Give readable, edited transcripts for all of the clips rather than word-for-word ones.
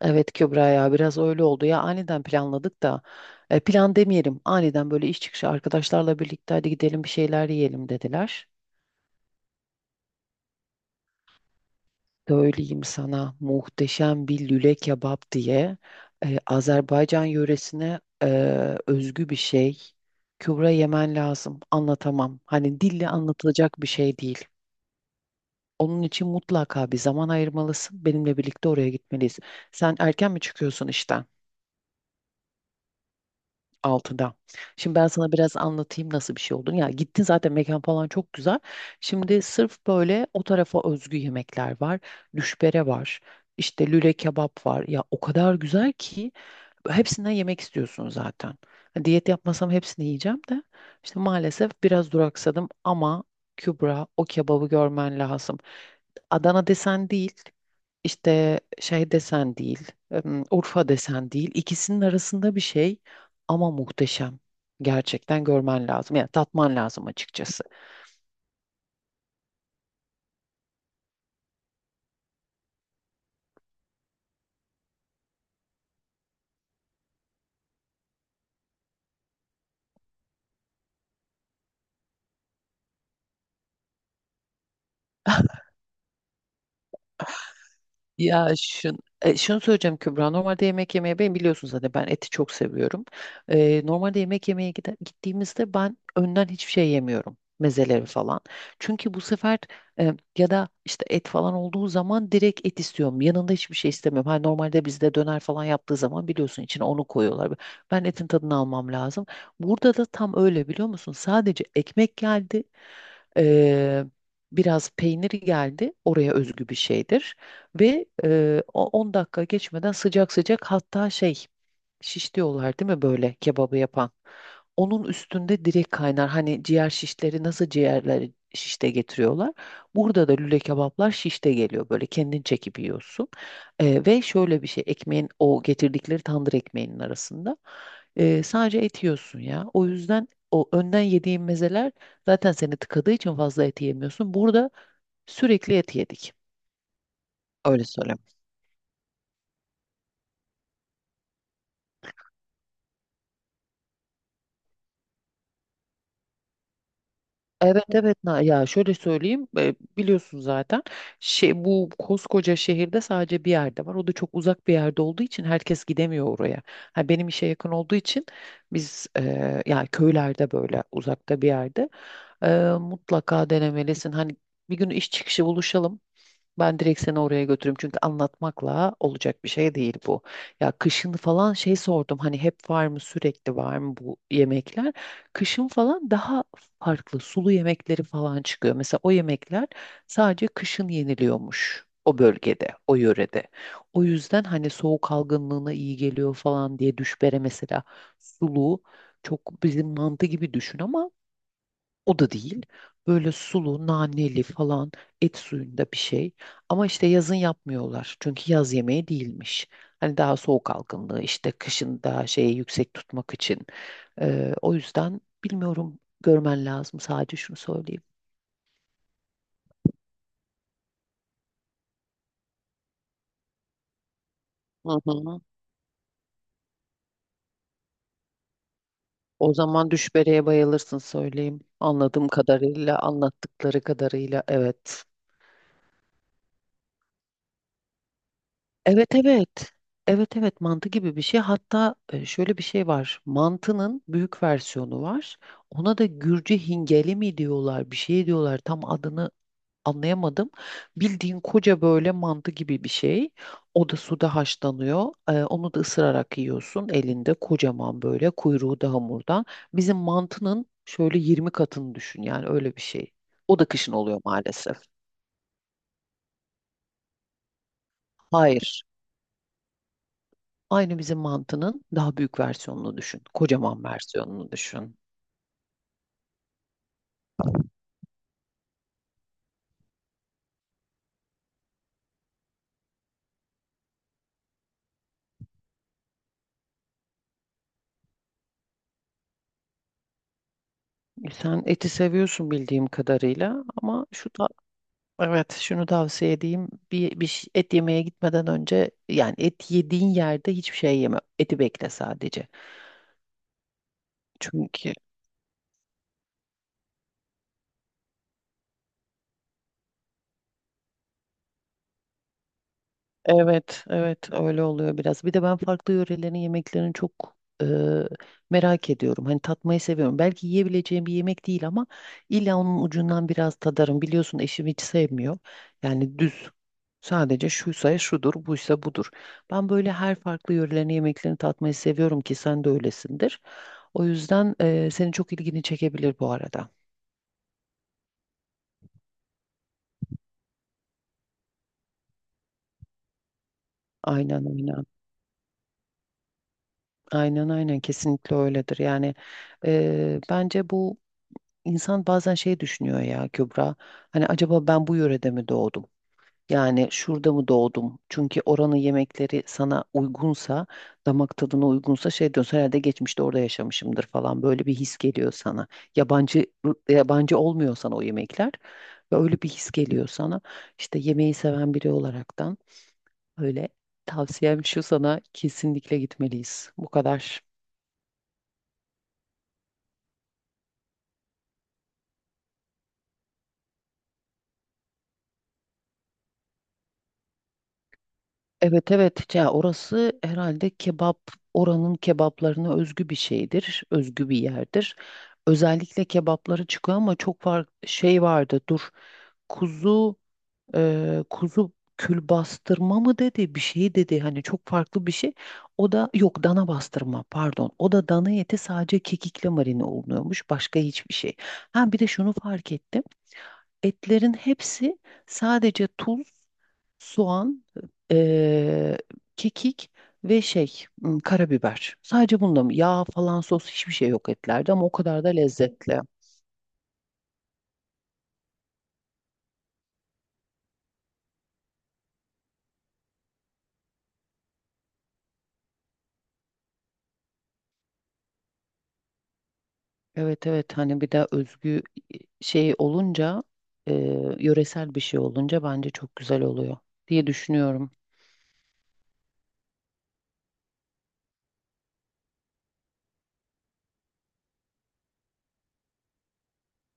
Evet Kübra, ya biraz öyle oldu ya aniden planladık da plan demeyelim, aniden böyle iş çıkışı arkadaşlarla birlikte hadi gidelim bir şeyler yiyelim dediler. Söyleyeyim sana, muhteşem bir lüle kebap diye Azerbaycan yöresine özgü bir şey. Kübra yemen lazım, anlatamam, hani dille anlatılacak bir şey değil. Onun için mutlaka bir zaman ayırmalısın, benimle birlikte oraya gitmeliyiz. Sen erken mi çıkıyorsun işten? Altıda. Şimdi ben sana biraz anlatayım nasıl bir şey olduğunu. Ya gittin zaten, mekan falan çok güzel. Şimdi sırf böyle o tarafa özgü yemekler var. Düşbere var. İşte lüle kebap var. Ya o kadar güzel ki hepsinden yemek istiyorsun zaten. Ha, diyet yapmasam hepsini yiyeceğim de. İşte maalesef biraz duraksadım ama Kübra, o kebabı görmen lazım. Adana desen değil, işte şey desen değil, Urfa desen değil. İkisinin arasında bir şey ama muhteşem. Gerçekten görmen lazım. Yani tatman lazım açıkçası. Şunu söyleyeceğim Kübra. Normalde yemek yemeye ben biliyorsun zaten, ben eti çok seviyorum. Normalde yemek yemeye gittiğimizde ben önden hiçbir şey yemiyorum. Mezeleri falan. Çünkü bu sefer ya da işte et falan olduğu zaman direkt et istiyorum. Yanında hiçbir şey istemiyorum. Hani normalde bizde döner falan yaptığı zaman biliyorsun içine onu koyuyorlar. Ben etin tadını almam lazım. Burada da tam öyle biliyor musun? Sadece ekmek geldi. E, Biraz peynir geldi. Oraya özgü bir şeydir. Ve 10 dakika geçmeden sıcak sıcak, hatta şey, şiş diyorlar değil mi böyle kebabı yapan. Onun üstünde direkt kaynar. Hani ciğer şişleri nasıl ciğerleri şişte getiriyorlar. Burada da lüle kebaplar şişte geliyor. Böyle kendin çekip yiyorsun. Ve şöyle bir şey, ekmeğin, o getirdikleri tandır ekmeğinin arasında sadece et yiyorsun ya. O yüzden o önden yediğin mezeler zaten seni tıkadığı için fazla et yemiyorsun. Burada sürekli et yedik. Öyle söyleyeyim. Evet evet. Ya şöyle söyleyeyim, biliyorsun zaten şey, bu koskoca şehirde sadece bir yerde var, o da çok uzak bir yerde olduğu için herkes gidemiyor oraya. Ha, benim işe yakın olduğu için biz, yani köylerde böyle uzakta bir yerde, e, mutlaka denemelisin. Hani bir gün iş çıkışı buluşalım, ben direkt seni oraya götürürüm çünkü anlatmakla olacak bir şey değil bu. Ya kışın falan şey sordum, hani hep var mı, sürekli var mı bu yemekler? Kışın falan daha farklı sulu yemekleri falan çıkıyor. Mesela o yemekler sadece kışın yeniliyormuş o bölgede, o yörede. O yüzden hani soğuk algınlığına iyi geliyor falan diye, düşbere mesela sulu, çok bizim mantı gibi düşün ama o da değil. Böyle sulu, naneli falan, et suyunda bir şey. Ama işte yazın yapmıyorlar. Çünkü yaz yemeği değilmiş. Hani daha soğuk algınlığı işte, kışın daha şeyi yüksek tutmak için. O yüzden bilmiyorum, görmen lazım. Sadece şunu söyleyeyim. Hı hı. O zaman düşbereye bayılırsın söyleyeyim. Anladığım kadarıyla, anlattıkları kadarıyla evet. Evet evet. Evet evet, mantı gibi bir şey. Hatta şöyle bir şey var. Mantının büyük versiyonu var. Ona da Gürcü hingeli mi diyorlar, bir şey diyorlar. Tam adını anlayamadım. Bildiğin koca böyle mantı gibi bir şey. O da suda haşlanıyor. Onu da ısırarak yiyorsun, elinde kocaman, böyle kuyruğu da hamurdan. Bizim mantının şöyle 20 katını düşün, yani öyle bir şey. O da kışın oluyor maalesef. Hayır. Aynı bizim mantının daha büyük versiyonunu düşün. Kocaman versiyonunu düşün. Sen eti seviyorsun bildiğim kadarıyla ama şu da evet, şunu tavsiye edeyim. Et yemeye gitmeden önce, yani et yediğin yerde hiçbir şey yeme. Eti bekle sadece. Çünkü evet, evet öyle oluyor biraz. Bir de ben farklı yörelerin yemeklerini çok e, merak ediyorum. Hani tatmayı seviyorum. Belki yiyebileceğim bir yemek değil ama illa onun ucundan biraz tadarım. Biliyorsun eşim hiç sevmiyor. Yani düz. Sadece şuysa şudur, buysa budur. Ben böyle her farklı yörelerin yemeklerini tatmayı seviyorum, ki sen de öylesindir. O yüzden senin çok ilgini çekebilir bu arada. Aynen aynen. Aynen aynen, kesinlikle öyledir. Yani bence bu, İnsan bazen şey düşünüyor ya Kübra. Hani acaba ben bu yörede mi doğdum? Yani şurada mı doğdum? Çünkü oranın yemekleri sana uygunsa, damak tadına uygunsa şey diyorsun, herhalde geçmişte orada yaşamışımdır falan. Böyle bir his geliyor sana. Yabancı yabancı olmuyor sana o yemekler. Ve öyle bir his geliyor sana. İşte yemeği seven biri olaraktan, öyle tavsiyem şu sana, kesinlikle gitmeliyiz. Bu kadar. Evet evet, ya orası herhalde kebap, oranın kebaplarına özgü bir şeydir, özgü bir yerdir. Özellikle kebapları çıkıyor ama çok var, şey vardı. Dur. Kuzu, kuzu kül bastırma mı dedi, bir şey dedi. Hani çok farklı bir şey. O da yok, dana bastırma pardon. O da dana eti sadece kekikle marine olunuyormuş. Başka hiçbir şey. Ha bir de şunu fark ettim. Etlerin hepsi sadece tuz, soğan, eee, kekik ve şey, hmm, karabiber. Sadece bunda mı? Yağ falan, sos, hiçbir şey yok etlerde ama o kadar da lezzetli. Evet evet, hani bir de özgü şey olunca, yöresel bir şey olunca bence çok güzel oluyor diye düşünüyorum.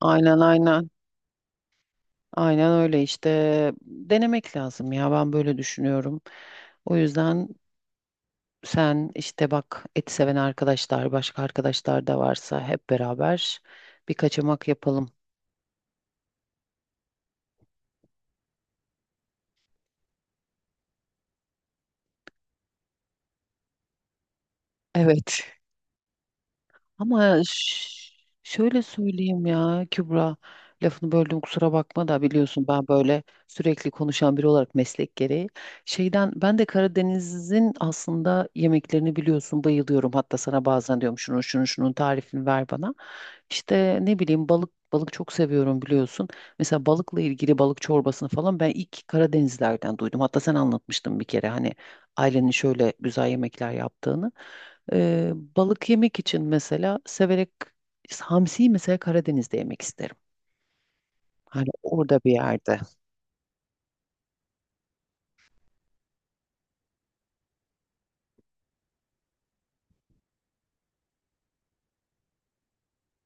Aynen aynen. Aynen öyle işte, denemek lazım ya, ben böyle düşünüyorum. O yüzden sen işte bak, et seven arkadaşlar, başka arkadaşlar da varsa hep beraber bir kaçamak yapalım. Evet. Ama ş- Şöyle söyleyeyim ya Kübra, lafını böldüm kusura bakma da, biliyorsun ben böyle sürekli konuşan biri olarak meslek gereği. Şeyden, ben de Karadeniz'in aslında yemeklerini biliyorsun bayılıyorum. Hatta sana bazen diyorum şunu, şunu, şunun tarifini ver bana. İşte ne bileyim, balık çok seviyorum biliyorsun. Mesela balıkla ilgili balık çorbasını falan ben ilk Karadenizlerden duydum. Hatta sen anlatmıştın bir kere hani ailenin şöyle güzel yemekler yaptığını. Balık yemek için mesela, severek hamsiyi mesela Karadeniz'de yemek isterim. Hani orada bir yerde.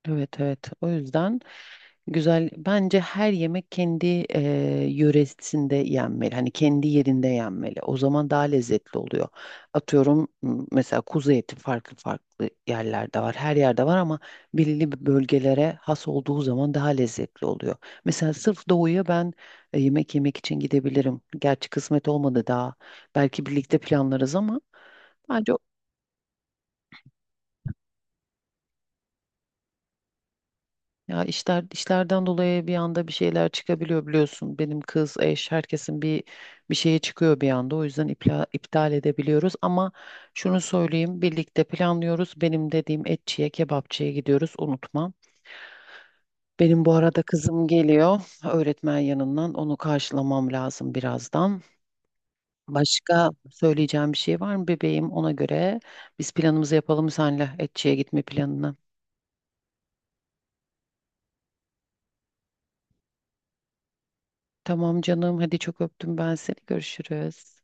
Evet evet. O yüzden. Güzel. Bence her yemek kendi yöresinde yenmeli. Hani kendi yerinde yenmeli. O zaman daha lezzetli oluyor. Atıyorum, mesela kuzu eti farklı farklı yerlerde var. Her yerde var ama belirli bir bölgelere has olduğu zaman daha lezzetli oluyor. Mesela sırf doğuya ben yemek yemek için gidebilirim. Gerçi kısmet olmadı daha. Belki birlikte planlarız ama bence, ya işler, işlerden dolayı bir anda bir şeyler çıkabiliyor biliyorsun. Benim kız, eş, herkesin bir, bir şeye çıkıyor bir anda. O yüzden iptal edebiliyoruz ama şunu söyleyeyim, birlikte planlıyoruz. Benim dediğim etçiye, kebapçıya gidiyoruz, unutma. Benim bu arada kızım geliyor öğretmen yanından. Onu karşılamam lazım birazdan. Başka söyleyeceğim bir şey var mı bebeğim? Ona göre biz planımızı yapalım, senle etçiye gitme planını. Tamam canım, hadi çok öptüm ben seni. Görüşürüz.